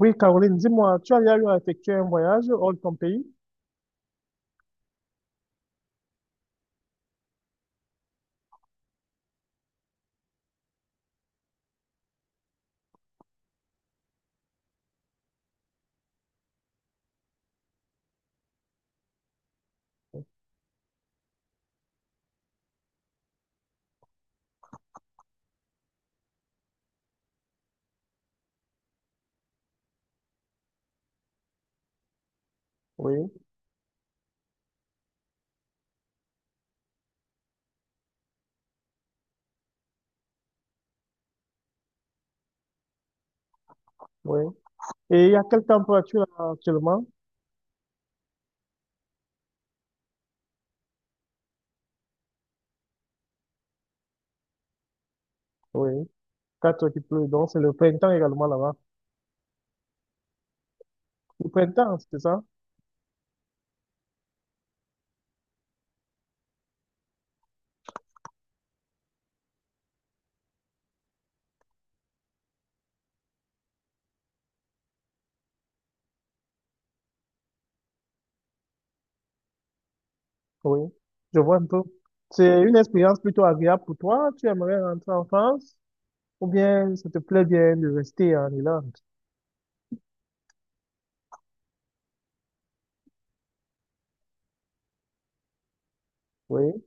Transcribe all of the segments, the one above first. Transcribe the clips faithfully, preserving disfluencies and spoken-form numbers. Oui, Caroline, dis-moi, tu as déjà eu à effectuer un voyage hors de ton pays? Oui, oui. Et il y a quelle température actuellement? Oui, quatre qui pleut, donc c'est le printemps également là-bas. Le printemps, c'est ça? Oui, je vois un peu. C'est une expérience plutôt agréable pour toi? Tu aimerais rentrer en France? Ou bien ça te plaît bien de rester en Irlande? Oui,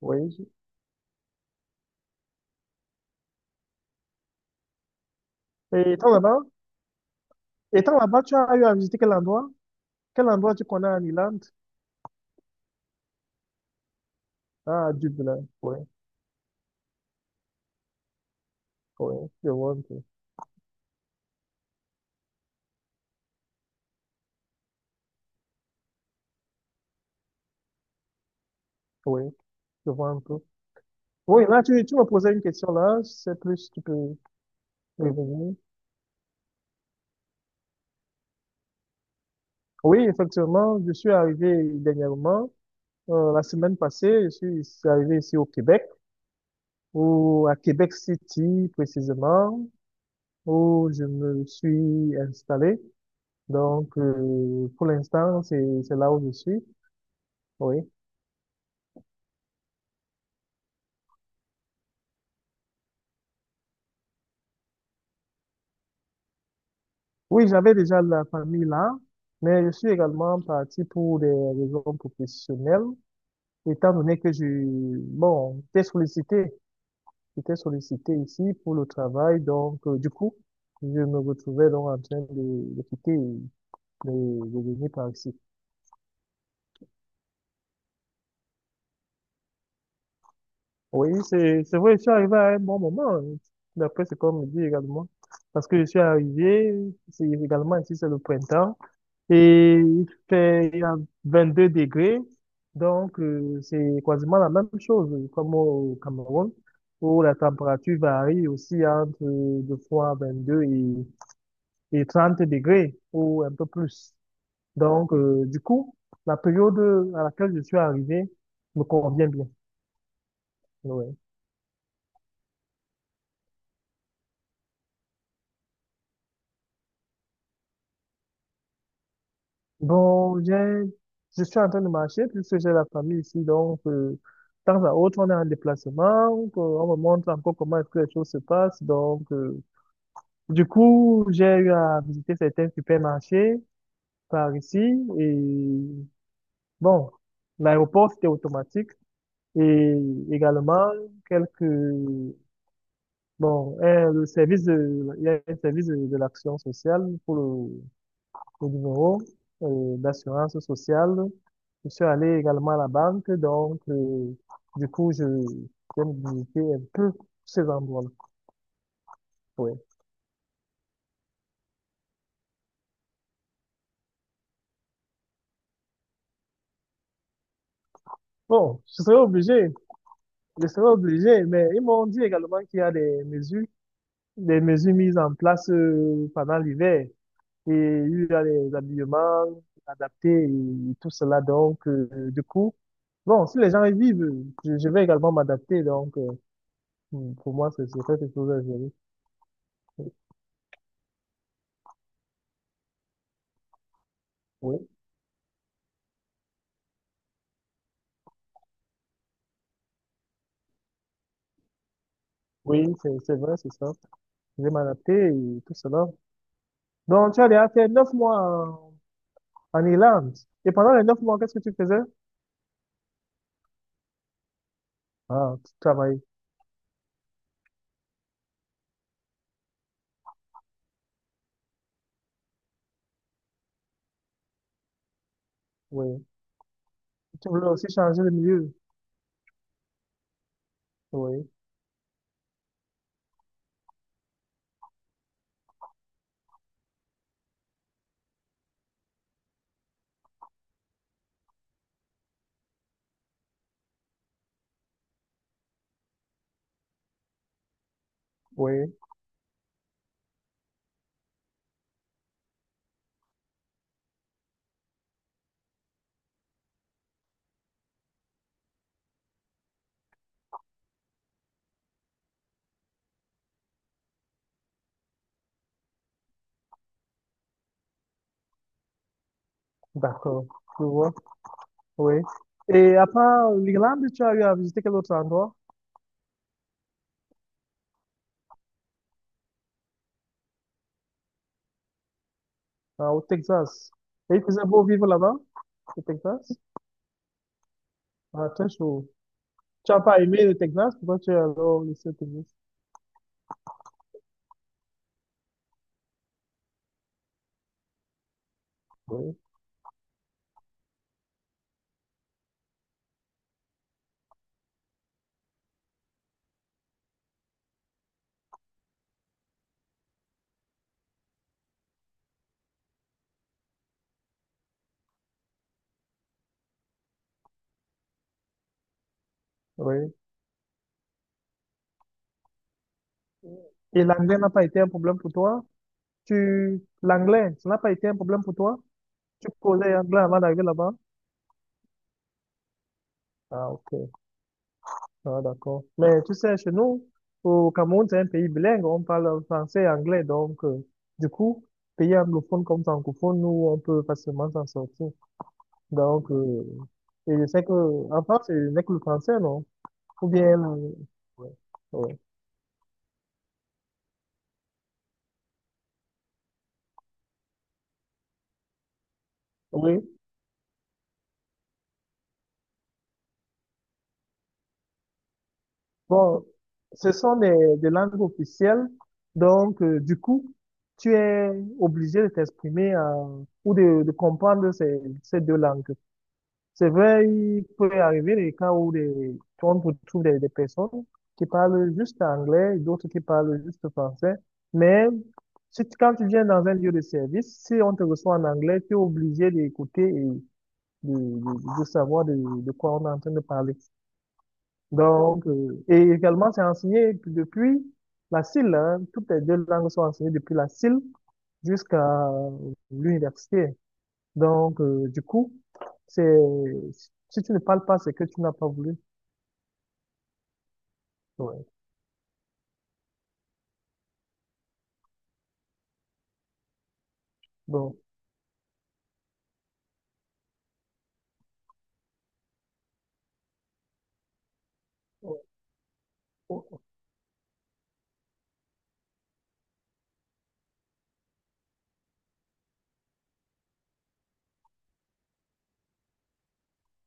oui. Et étant là-bas, étant là-bas, tu as eu à visiter quel endroit? Quel endroit tu connais en Irlande? Ah, Dublin. Oui, oui, je vois un peu. Oui, je vois un peu. Oui, là, tu, tu me posais une question là, c'est plus, si tu peux revenir. Oui, effectivement, je suis arrivé dernièrement, euh, la semaine passée, je suis ici- arrivé ici au Québec, ou à Québec City précisément, où je me suis installé. Donc, euh, pour l'instant, c'est, c'est là où je suis. Oui. Oui, j'avais déjà la famille là, mais je suis également parti pour des raisons professionnelles, étant donné que je, bon, j'étais sollicité J'étais sollicité ici pour le travail, donc euh, du coup, je me retrouvais donc en train de, de quitter et de venir par ici. Oui, c'est c'est vrai, je suis arrivé à un bon moment, hein, d'après ce qu'on me dit également, parce que je suis arrivé, c'est également ici, c'est le printemps, et il fait il y a vingt-deux degrés, donc euh, c'est quasiment la même chose comme au Cameroun, où la température varie aussi entre euh, de fois vingt-deux et et trente degrés ou un peu plus. Donc, euh, du coup, la période à laquelle je suis arrivé me convient bien. Ouais. Bon, j'ai, je suis en train de marcher puisque j'ai la famille ici. Donc, euh, de temps à autre, on est en déplacement. Donc, euh, on me montre encore comment est-ce que les choses se passent. Donc, euh, du coup, j'ai eu à visiter certains supermarchés par ici. Et bon, l'aéroport, c'était automatique. Et également, quelques... Bon, euh, le service de, il y a un service de, de l'action sociale pour le, le numéro euh, d'assurance sociale. Je suis allé également à la banque, donc euh, du coup, je vais me visiter un peu ces endroits-là. Ouais. Bon, je serai obligé, je serai obligé, mais ils m'ont dit également qu'il y a des mesures, des mesures mises en place euh, pendant l'hiver. Et il y a des habillements adaptés et tout cela, donc euh, du coup. Bon, si les gens y vivent, je, je vais également m'adapter. Donc, euh, hmm, pour moi, c'est c'est quelque chose à gérer. Oui, oui, c'est c'est vrai, c'est ça. Je vais m'adapter et tout cela. Donc, tu as déjà fait neuf mois en, en Irlande. Et pendant les neuf mois, qu'est-ce que tu faisais? Ah, tu travaillais. Oui. Tu voulais aussi changer de milieu. Oui, oui, d'accord. Je vois. Oui. Et à part l'Irlande, tu as eu à visiter quel autre endroit? Ah, au Texas. Et il faisait beau vivre là-bas, au Texas? Ah, très chaud. Tu n'as pas aimé le Texas? Pourquoi tu es alors laissé au Texas? Oui, oui. Et l'anglais n'a pas été un problème pour toi? Tu, l'anglais, ça n'a pas été un problème pour toi? Tu causais anglais avant d'arriver là-bas? Ah, ok. Ah, d'accord. Mais tu sais, chez nous, au Cameroun, c'est un pays bilingue. On parle français et anglais. Donc, euh, du coup, pays anglophone comme francophone, nous, on peut facilement s'en sortir. Donc, euh, et je sais que, en France, c'est n'est que le français, non? Ou bien, euh, ouais, ouais. Bon, ce sont des, des langues officielles, donc euh, du coup, tu es obligé de t'exprimer euh, ou de, de comprendre ces, ces deux langues. C'est vrai, il peut arriver des cas où des, on retrouve des, des personnes qui parlent juste anglais, d'autres qui parlent juste français, mais si tu- quand tu viens dans un lieu de service, si on te reçoit en anglais, tu es obligé d'écouter et de, de, de savoir de, de quoi on est en train de parler. Donc, euh, et également, c'est enseigné depuis la C I L, hein. Toutes les deux langues sont enseignées depuis la C I L jusqu'à l'université. Donc, euh, du coup, c'est si tu ne parles pas, c'est que tu n'as pas voulu. Ouais. Donc,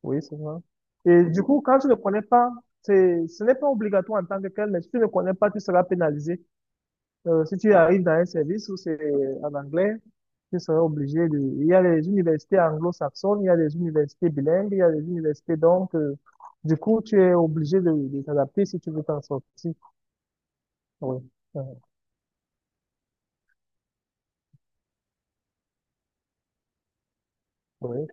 oui, c'est ça. Et du coup, quand tu ne connais pas, c'est, ce n'est pas obligatoire en tant que tel, mais si tu ne connais pas, tu seras pénalisé. Euh, si tu arrives dans un service où c'est en anglais, tu seras obligé de... Il y a les universités anglo-saxonnes, il y a les universités bilingues, il y a les universités donc... euh, du coup, tu es obligé de, de t'adapter si tu veux t'en sortir. Oui. Euh, oui.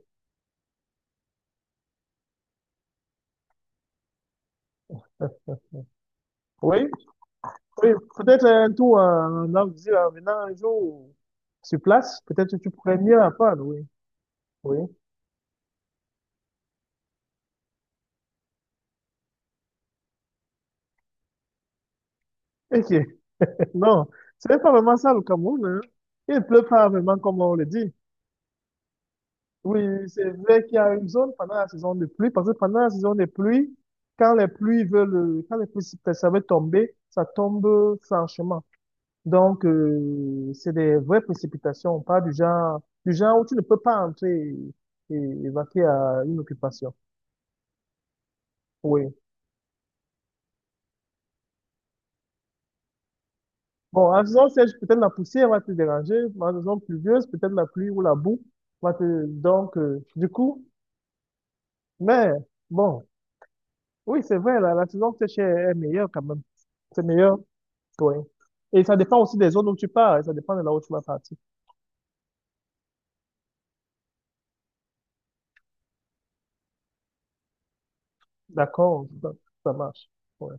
Oui. Oui. Peut-être un tour en, en Afrique, en venant un jour sur place, peut-être que tu pourrais mieux apprendre. Oui. Oui. Ok. Non. Ce n'est pas vraiment ça le Cameroun, hein. Il ne pleut pas vraiment comme on le dit. Oui, oui, c'est vrai qu'il y a une zone pendant la saison de pluie, parce que pendant la saison de pluie, quand les pluies veulent, euh, quand les pluies veulent tomber, ça tombe euh, franchement. Donc, euh, c'est des vraies précipitations, pas du genre, du genre où tu ne peux pas entrer et, et évacuer à une occupation. Oui. Bon, en saison sèche, peut-être la poussière va te déranger, mais en saison pluvieuse, peut-être la pluie ou la boue va te, donc, euh, du coup, mais bon, oui, c'est vrai, la, la saison sèche est est meilleure quand même. C'est meilleur. Oui. Et ça dépend aussi des zones où tu pars, et ça dépend de là où tu vas partir. D'accord? Ça, ça marche. Ouais.